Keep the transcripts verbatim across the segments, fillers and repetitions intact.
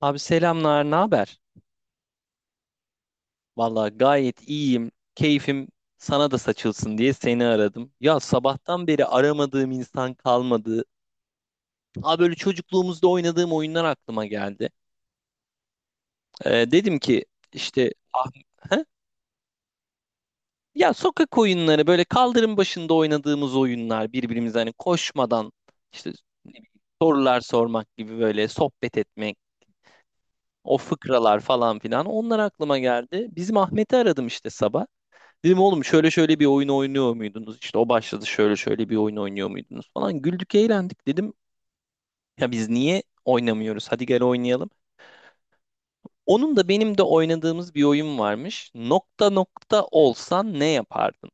Abi selamlar, ne haber? Vallahi gayet iyiyim. Keyfim sana da saçılsın diye seni aradım. Ya sabahtan beri aramadığım insan kalmadı. Aa böyle çocukluğumuzda oynadığım oyunlar aklıma geldi. Ee, dedim ki işte ah, he? Ya sokak oyunları böyle kaldırım başında oynadığımız oyunlar birbirimize hani koşmadan işte ne bileyim, sorular sormak gibi böyle sohbet etmek, o fıkralar falan filan onlar aklıma geldi. Bizim Ahmet'i aradım işte sabah. Dedim oğlum şöyle şöyle bir oyun oynuyor muydunuz? İşte o başladı şöyle şöyle bir oyun oynuyor muydunuz falan. Güldük eğlendik dedim. Ya biz niye oynamıyoruz? Hadi gel oynayalım. Onun da benim de oynadığımız bir oyun varmış. Nokta nokta olsan ne yapardın?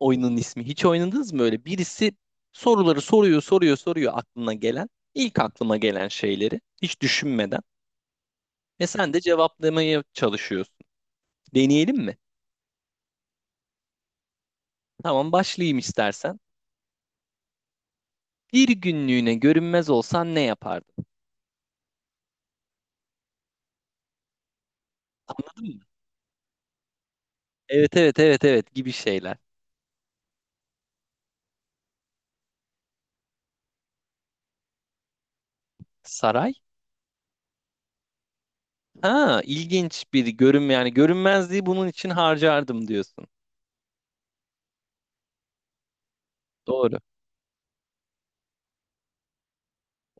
Oyunun ismi. Hiç oynadınız mı öyle? Birisi soruları soruyor soruyor soruyor aklına gelen. İlk aklıma gelen şeyleri hiç düşünmeden. Ve sen de cevaplamaya çalışıyorsun. Deneyelim mi? Tamam başlayayım istersen. Bir günlüğüne görünmez olsan ne yapardın? Anladın mı? Evet evet evet evet gibi şeyler. Saray? Ha ilginç bir görünme yani görünmezliği bunun için harcardım diyorsun. Doğru.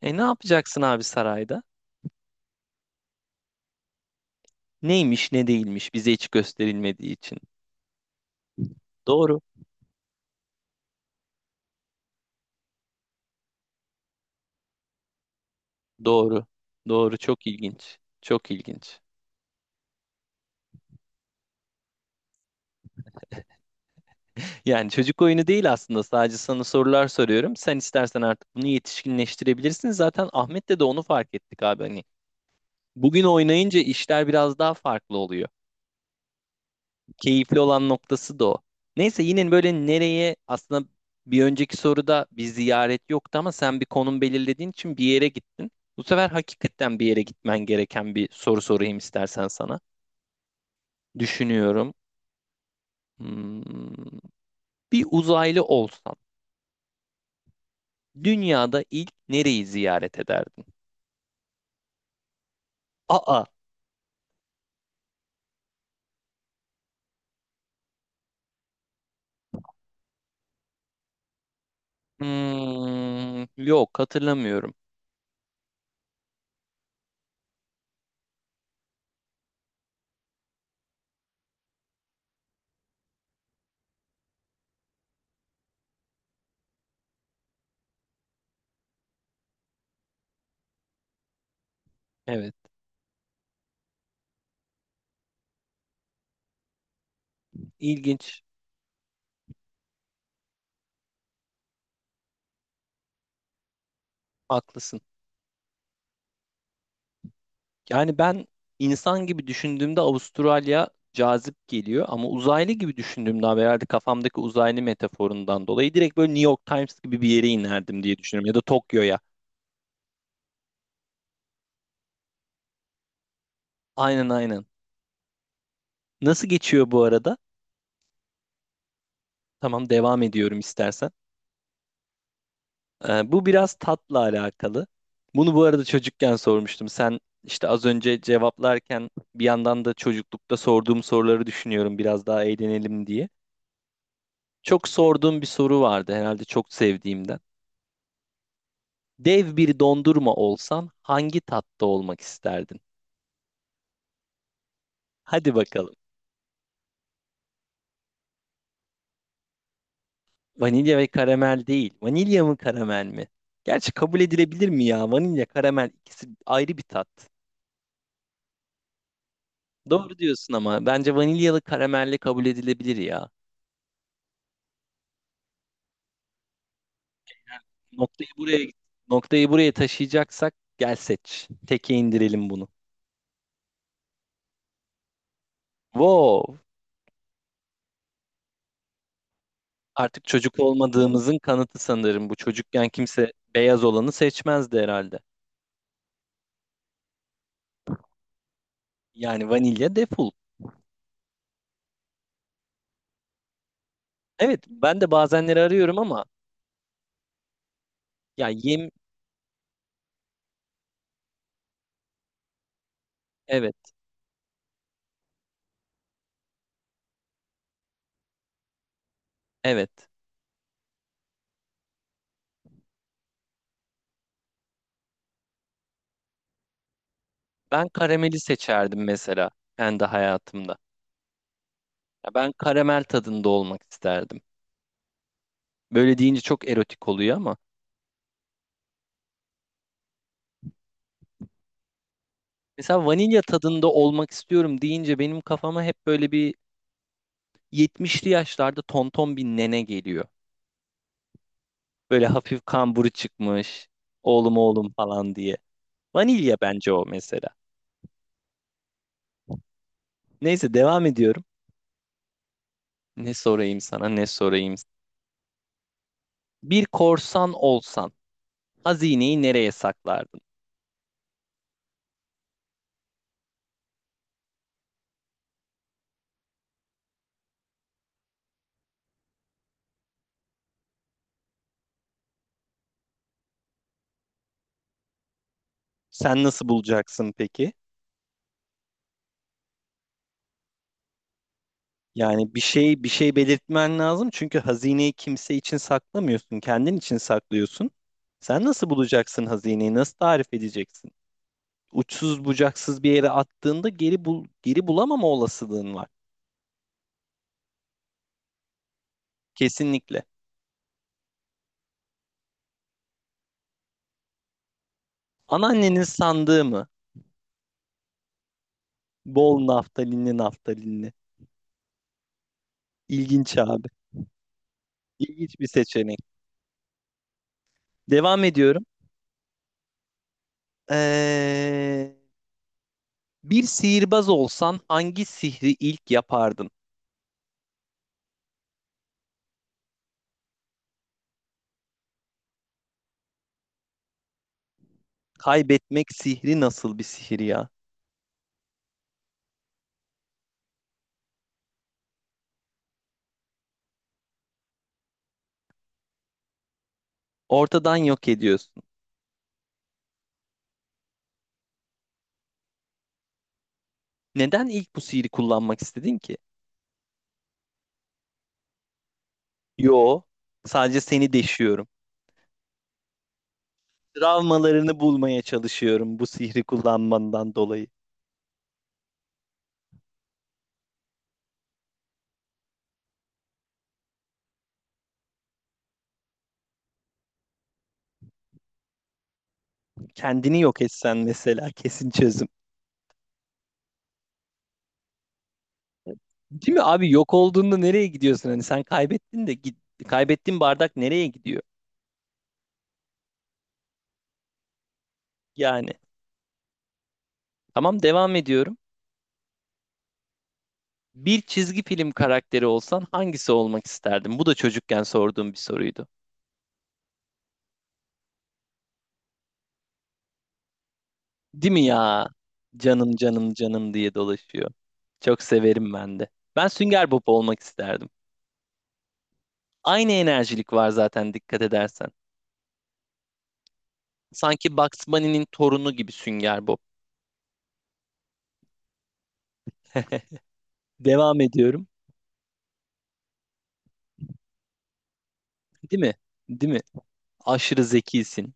E ne yapacaksın abi sarayda? Neymiş ne değilmiş bize hiç gösterilmediği için. Doğru. Doğru. Doğru çok ilginç. Çok ilginç. Yani çocuk oyunu değil aslında sadece sana sorular soruyorum. Sen istersen artık bunu yetişkinleştirebilirsin. Zaten Ahmet'le de onu fark ettik abi hani. Bugün oynayınca işler biraz daha farklı oluyor. keyifli olan noktası da o. Neyse yine böyle nereye aslında bir önceki soruda bir ziyaret yoktu ama sen bir konum belirlediğin için bir yere gittin. Bu sefer hakikaten bir yere gitmen gereken bir soru sorayım istersen sana. Düşünüyorum. Hmm, bir uzaylı olsan dünyada ilk nereyi ziyaret ederdin? Aa, hmm, yok hatırlamıyorum. Evet, ilginç. Haklısın. Yani ben insan gibi düşündüğümde Avustralya cazip geliyor ama uzaylı gibi düşündüğümde abi herhalde kafamdaki uzaylı metaforundan dolayı direkt böyle New York Times gibi bir yere inerdim diye düşünüyorum ya da Tokyo'ya. Aynen aynen. Nasıl geçiyor bu arada? Tamam devam ediyorum istersen. Ee, bu biraz tatla alakalı. Bunu bu arada çocukken sormuştum. Sen işte az önce cevaplarken bir yandan da çocuklukta sorduğum soruları düşünüyorum biraz daha eğlenelim diye. Çok sorduğum bir soru vardı herhalde çok sevdiğimden. Dev bir dondurma olsan hangi tatta olmak isterdin? Hadi bakalım. Vanilya ve karamel değil. Vanilya mı karamel mi? Gerçi kabul edilebilir mi ya? Vanilya, karamel ikisi ayrı bir tat. Doğru diyorsun ama bence vanilyalı karamelli kabul edilebilir ya. Noktayı buraya noktayı buraya taşıyacaksak gel seç. Teke indirelim bunu. Wow. Artık çocuk olmadığımızın kanıtı sanırım bu. Çocukken kimse beyaz olanı seçmezdi herhalde. Yani vanilya defol. Evet, ben de bazenleri arıyorum ama ya yem evet, evet. Ben karameli seçerdim mesela kendi hayatımda. Ya ben karamel tadında olmak isterdim. Böyle deyince çok erotik oluyor ama mesela vanilya tadında olmak istiyorum deyince benim kafama hep böyle bir yetmişli yaşlarda tonton bir nene geliyor. Böyle hafif kamburu çıkmış. Oğlum oğlum falan diye. Vanilya bence o mesela. Neyse devam ediyorum. Ne sorayım sana, ne sorayım. Bir korsan olsan Hazineyi nereye saklardın? Sen nasıl bulacaksın peki? Yani bir şey bir şey belirtmen lazım çünkü hazineyi kimse için saklamıyorsun, kendin için saklıyorsun. Sen nasıl bulacaksın hazineyi? Nasıl tarif edeceksin? Uçsuz bucaksız bir yere attığında geri bul geri bulamama olasılığın var. Kesinlikle. Anneannenin sandığı mı? Bol naftalinli naftalinli. İlginç abi. İlginç bir seçenek. Devam ediyorum. Ee, Bir sihirbaz olsan hangi sihri ilk yapardın? Kaybetmek sihri nasıl bir sihir ya? Ortadan yok ediyorsun. Neden ilk bu sihri kullanmak istedin ki? Yo, sadece seni deşiyorum. Travmalarını bulmaya çalışıyorum bu sihri kullanmandan dolayı. Kendini yok etsen mesela kesin çözüm. Değil mi abi yok olduğunda nereye gidiyorsun? Hani sen kaybettin de git, kaybettiğin bardak nereye gidiyor? Yani tamam devam ediyorum. Bir çizgi film karakteri olsan hangisi olmak isterdin? Bu da çocukken sorduğum bir soruydu. Değil mi ya? Canım canım canım diye dolaşıyor. Çok severim ben de. Ben Sünger Bob olmak isterdim. Aynı enerjilik var zaten dikkat edersen. Sanki Bugs Bunny'nin torunu gibi Sünger Bob. Devam ediyorum. Değil mi? Değil mi? Aşırı zekisin.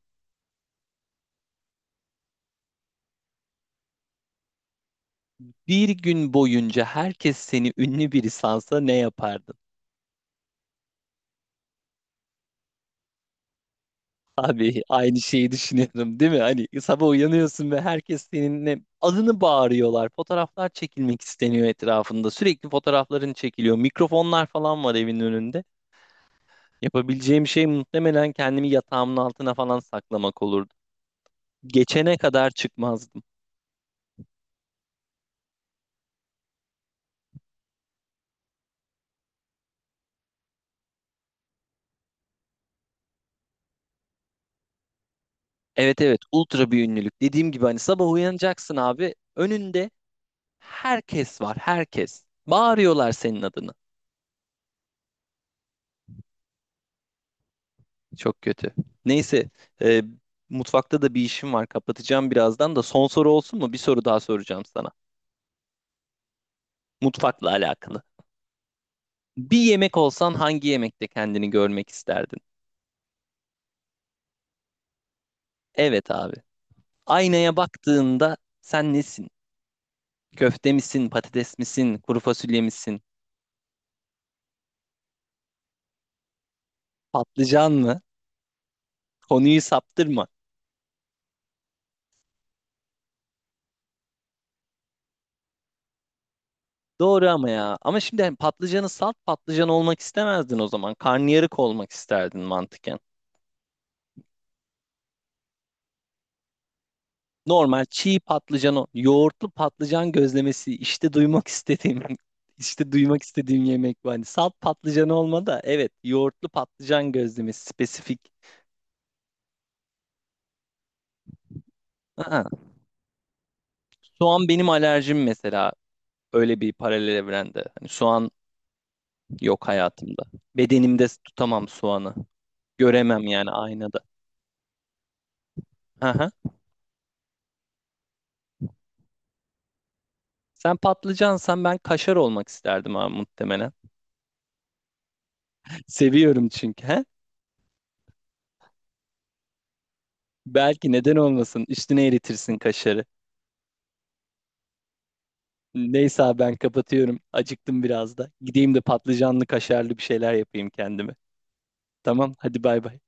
Bir gün boyunca herkes seni ünlü biri sansa ne yapardın? Abi aynı şeyi düşünüyorum değil mi? Hani sabah uyanıyorsun ve herkes seninle adını bağırıyorlar. Fotoğraflar çekilmek isteniyor etrafında. Sürekli fotoğrafların çekiliyor. Mikrofonlar falan var evin önünde. Yapabileceğim şey muhtemelen kendimi yatağımın altına falan saklamak olurdu. Geçene kadar çıkmazdım. Evet evet ultra bir ünlülük. Dediğim gibi hani sabah uyanacaksın abi. Önünde herkes var herkes. Bağırıyorlar senin adını. Çok kötü. Neyse, e, mutfakta da bir işim var. Kapatacağım birazdan da. Son soru olsun mu? Bir soru daha soracağım sana. Mutfakla alakalı. Bir yemek olsan hangi yemekte kendini görmek isterdin? Evet abi. Aynaya baktığında sen nesin? Köfte misin, patates misin, kuru fasulye misin, patlıcan mı? Konuyu saptırma. Doğru ama ya. Ama şimdi hani patlıcanı salt patlıcan olmak istemezdin o zaman. Karnıyarık olmak isterdin mantıken. Normal çiğ patlıcan, o- yoğurtlu patlıcan gözlemesi işte duymak istediğim işte duymak istediğim yemek bu. Hani salt patlıcan olma da evet yoğurtlu patlıcan gözlemesi spesifik. Aa, soğan benim alerjim mesela öyle bir paralel evrende. Hani soğan yok hayatımda. Bedenimde tutamam soğanı. Göremem yani aynada. Aha. Sen patlıcansan ben kaşar olmak isterdim abi muhtemelen. Seviyorum çünkü. He? Belki neden olmasın? Üstüne eritirsin kaşarı. Neyse abi ben kapatıyorum. Acıktım biraz da. Gideyim de patlıcanlı kaşarlı bir şeyler yapayım kendime. Tamam hadi bay bay.